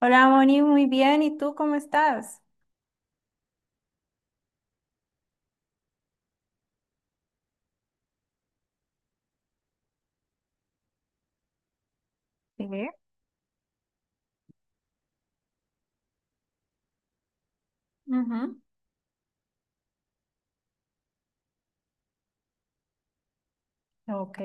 Hola, Moni, muy bien. ¿Y tú cómo estás? Sí. Ujú. Ok.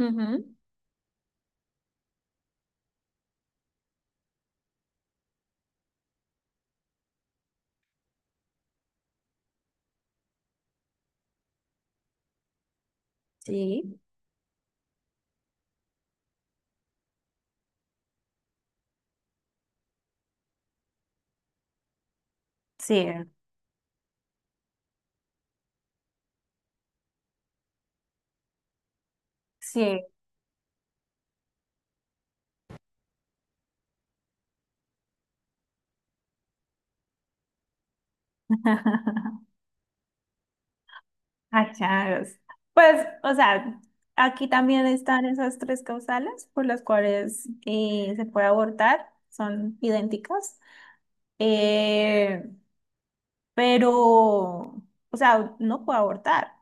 Ujú. Sí. Sí. Sí. Achagos. Pues, o sea, aquí también están esas tres causales por las cuales se puede abortar, son idénticas. Eh, pero, o sea, no puede abortar,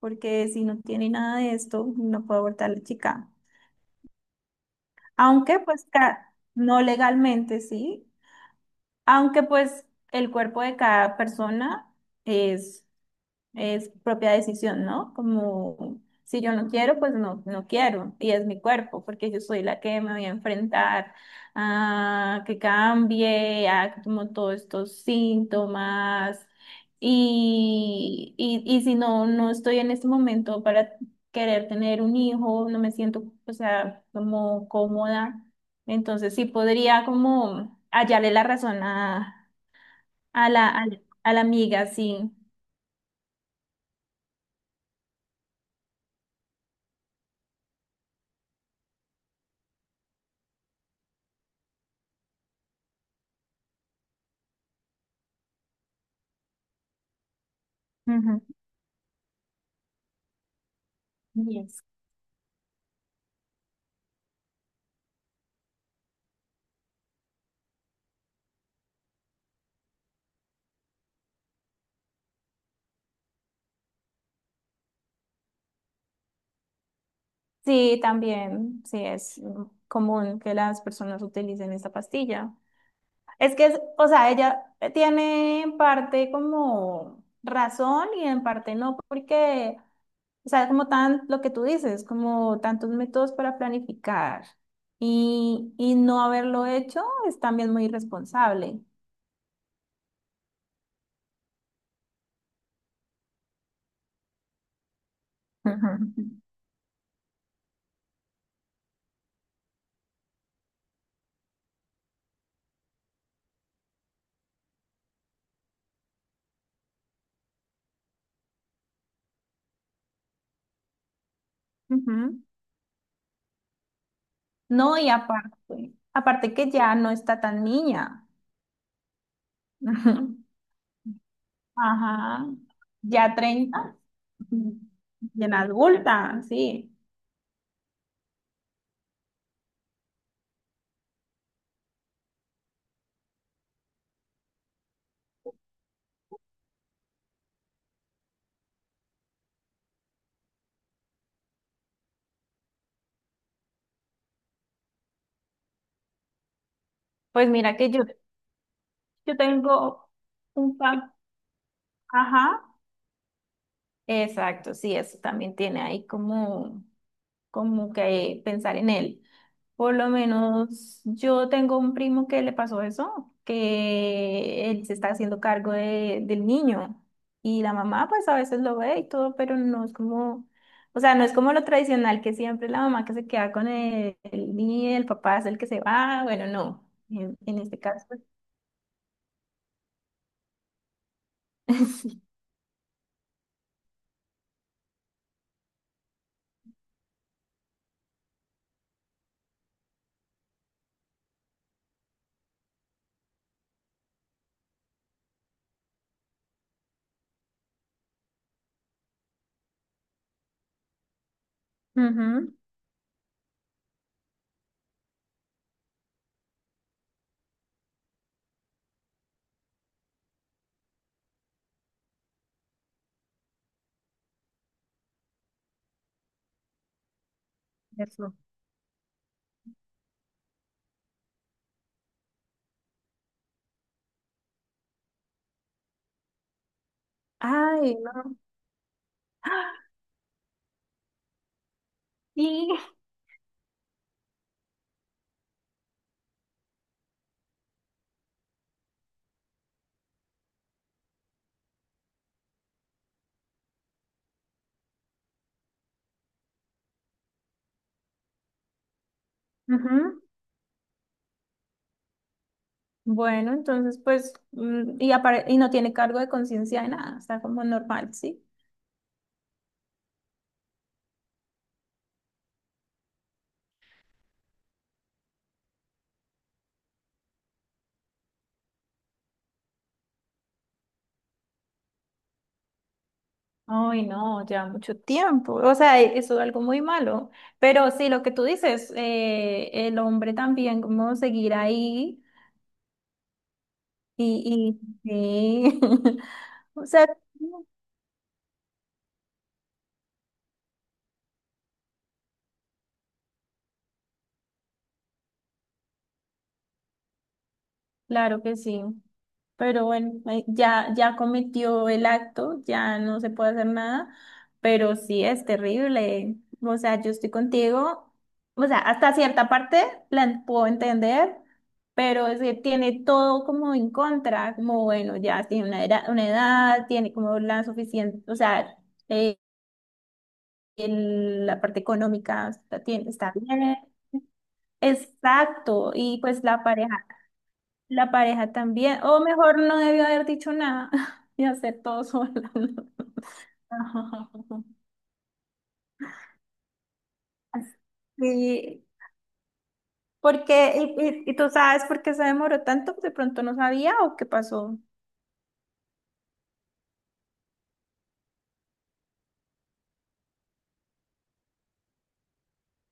porque si no tiene nada de esto, no puede abortar la chica. Aunque, pues, no legalmente, sí. Aunque pues el cuerpo de cada persona es, es propia decisión, ¿no? Como si yo no quiero, pues no, no quiero. Y es mi cuerpo, porque yo soy la que me voy a enfrentar a que cambie, a como todos estos síntomas. Y si no, no estoy en este momento para querer tener un hijo, no me siento, o sea, como cómoda. Entonces sí podría como hallarle la razón a la amiga, sí. Ujú. Yes. Sí, también, sí, es común que las personas utilicen esta pastilla. Es que, o sea, ella tiene en parte como razón y en parte no, porque, o sea, es como tan lo que tú dices, como tantos métodos para planificar y no haberlo hecho es también muy irresponsable. Ujú. Ujú. No, y aparte, aparte que ya no está tan niña. Ajá, ya 30. Bien adulta, sí. Pues mira que yo tengo un pan. Ajá. Exacto, sí, eso también tiene ahí como, como que pensar en él. Por lo menos yo tengo un primo que le pasó eso, que él se está haciendo cargo del niño y la mamá pues a veces lo ve y todo, pero no es como, o sea, no es como lo tradicional que siempre la mamá que se queda con el niño y el papá es el que se va, bueno, no, en este caso. Ujú. Eso. Ay, no. Sí. Ujú. Bueno, entonces pues, y, y no tiene cargo de conciencia de nada, está como normal, ¿sí? Ay, no, ya mucho tiempo. O sea, eso es algo muy malo. Pero sí, lo que tú dices, el hombre también, cómo seguir ahí y sí. O sea, claro que sí. Pero bueno, ya, ya cometió el acto, ya no se puede hacer nada, pero sí es terrible. O sea, yo estoy contigo. O sea, hasta cierta parte puedo entender, pero es que tiene todo como en contra, como bueno, ya tiene una edad, tiene como la suficiente, o sea, eh, la parte económica está, está bien. Exacto. La pareja también, o mejor no debió haber dicho nada y hacer todo sola. Ajá. Sí, porque, y tú sabes por qué se demoró tanto, de pronto no sabía o qué pasó.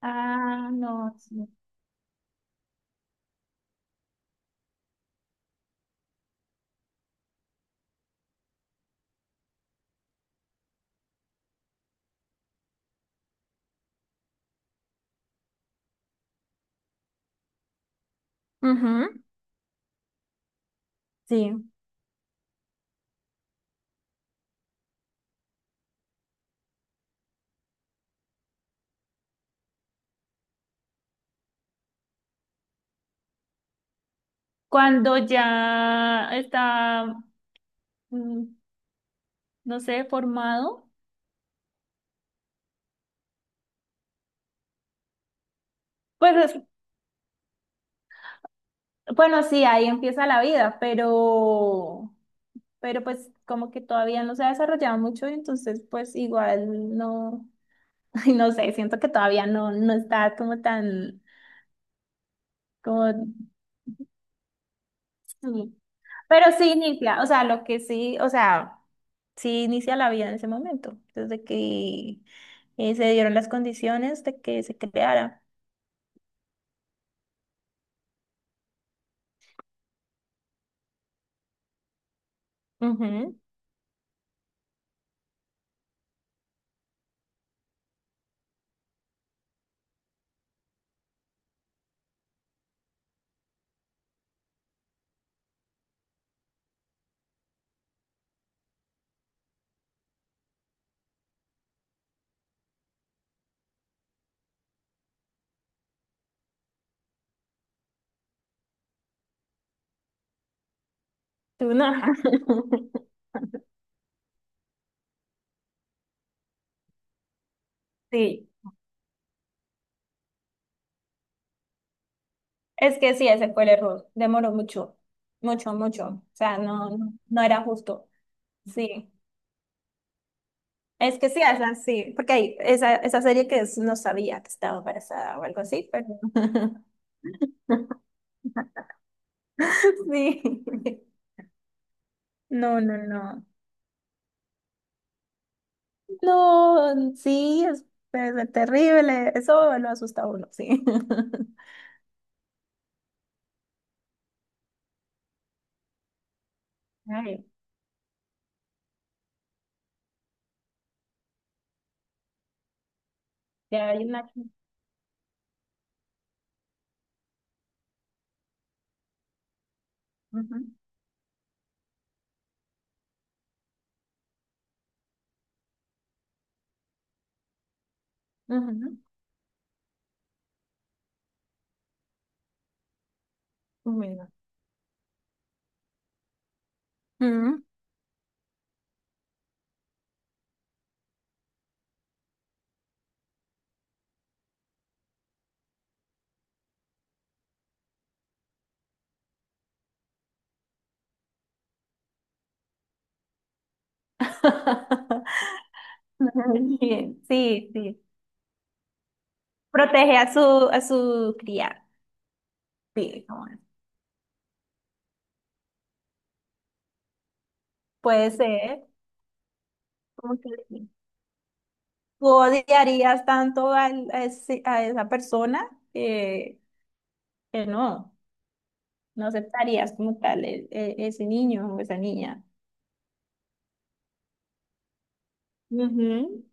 Ah, no, sí. Ujú. Sí. Cuando ya está, mm, no sé, formado. Pues, bueno, sí, ahí empieza la vida, pero pues como que todavía no se ha desarrollado mucho, entonces pues igual no. Ay, no sé, siento que todavía no, no está como tan, como, sí. Pero sí inicia, o sea, lo que sí, o sea, sí inicia la vida en ese momento, desde que se dieron las condiciones de que se creara. Ujú. Tú no. Sí, es que sí, ese fue el error, demoró mucho, o sea, no, no, no era justo, sí. Es que sí, esa sí, porque hay esa, esa serie que es, no sabía que estaba embarazada o algo así, pero... Sí. No, no, no. No, sí, es terrible. Eso lo asusta a uno, sí. Ay, ya hay una. Ujú, ujú, mira. Mm. Bien, sí, sí. Protege a su cría. Sí, no, puede ser. Como que sí. ¿Tú odiarías tanto a esa persona que, que no, no aceptarías como tal ese niño o esa niña? Ujú,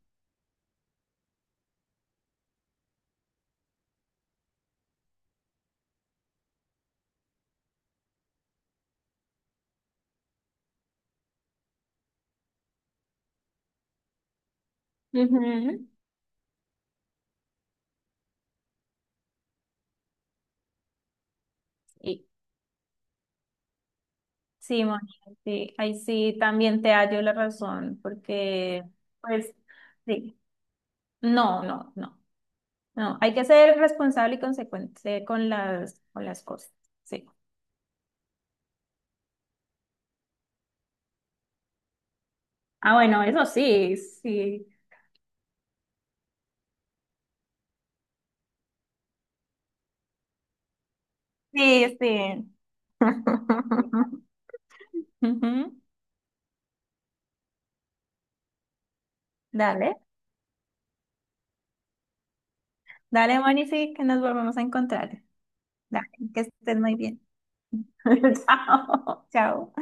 ujú. Y sí, Moni, sí, ahí sí también te hallo la razón, porque pues sí, no, no, no, no, hay que ser responsable y consecuente con las cosas, sí. Ah, bueno, eso sí, sí, sí, sí. Ujú. Dale, dale, Moni, sí, que nos volvemos a encontrar. Dale, que estés muy bien. Chao, chao.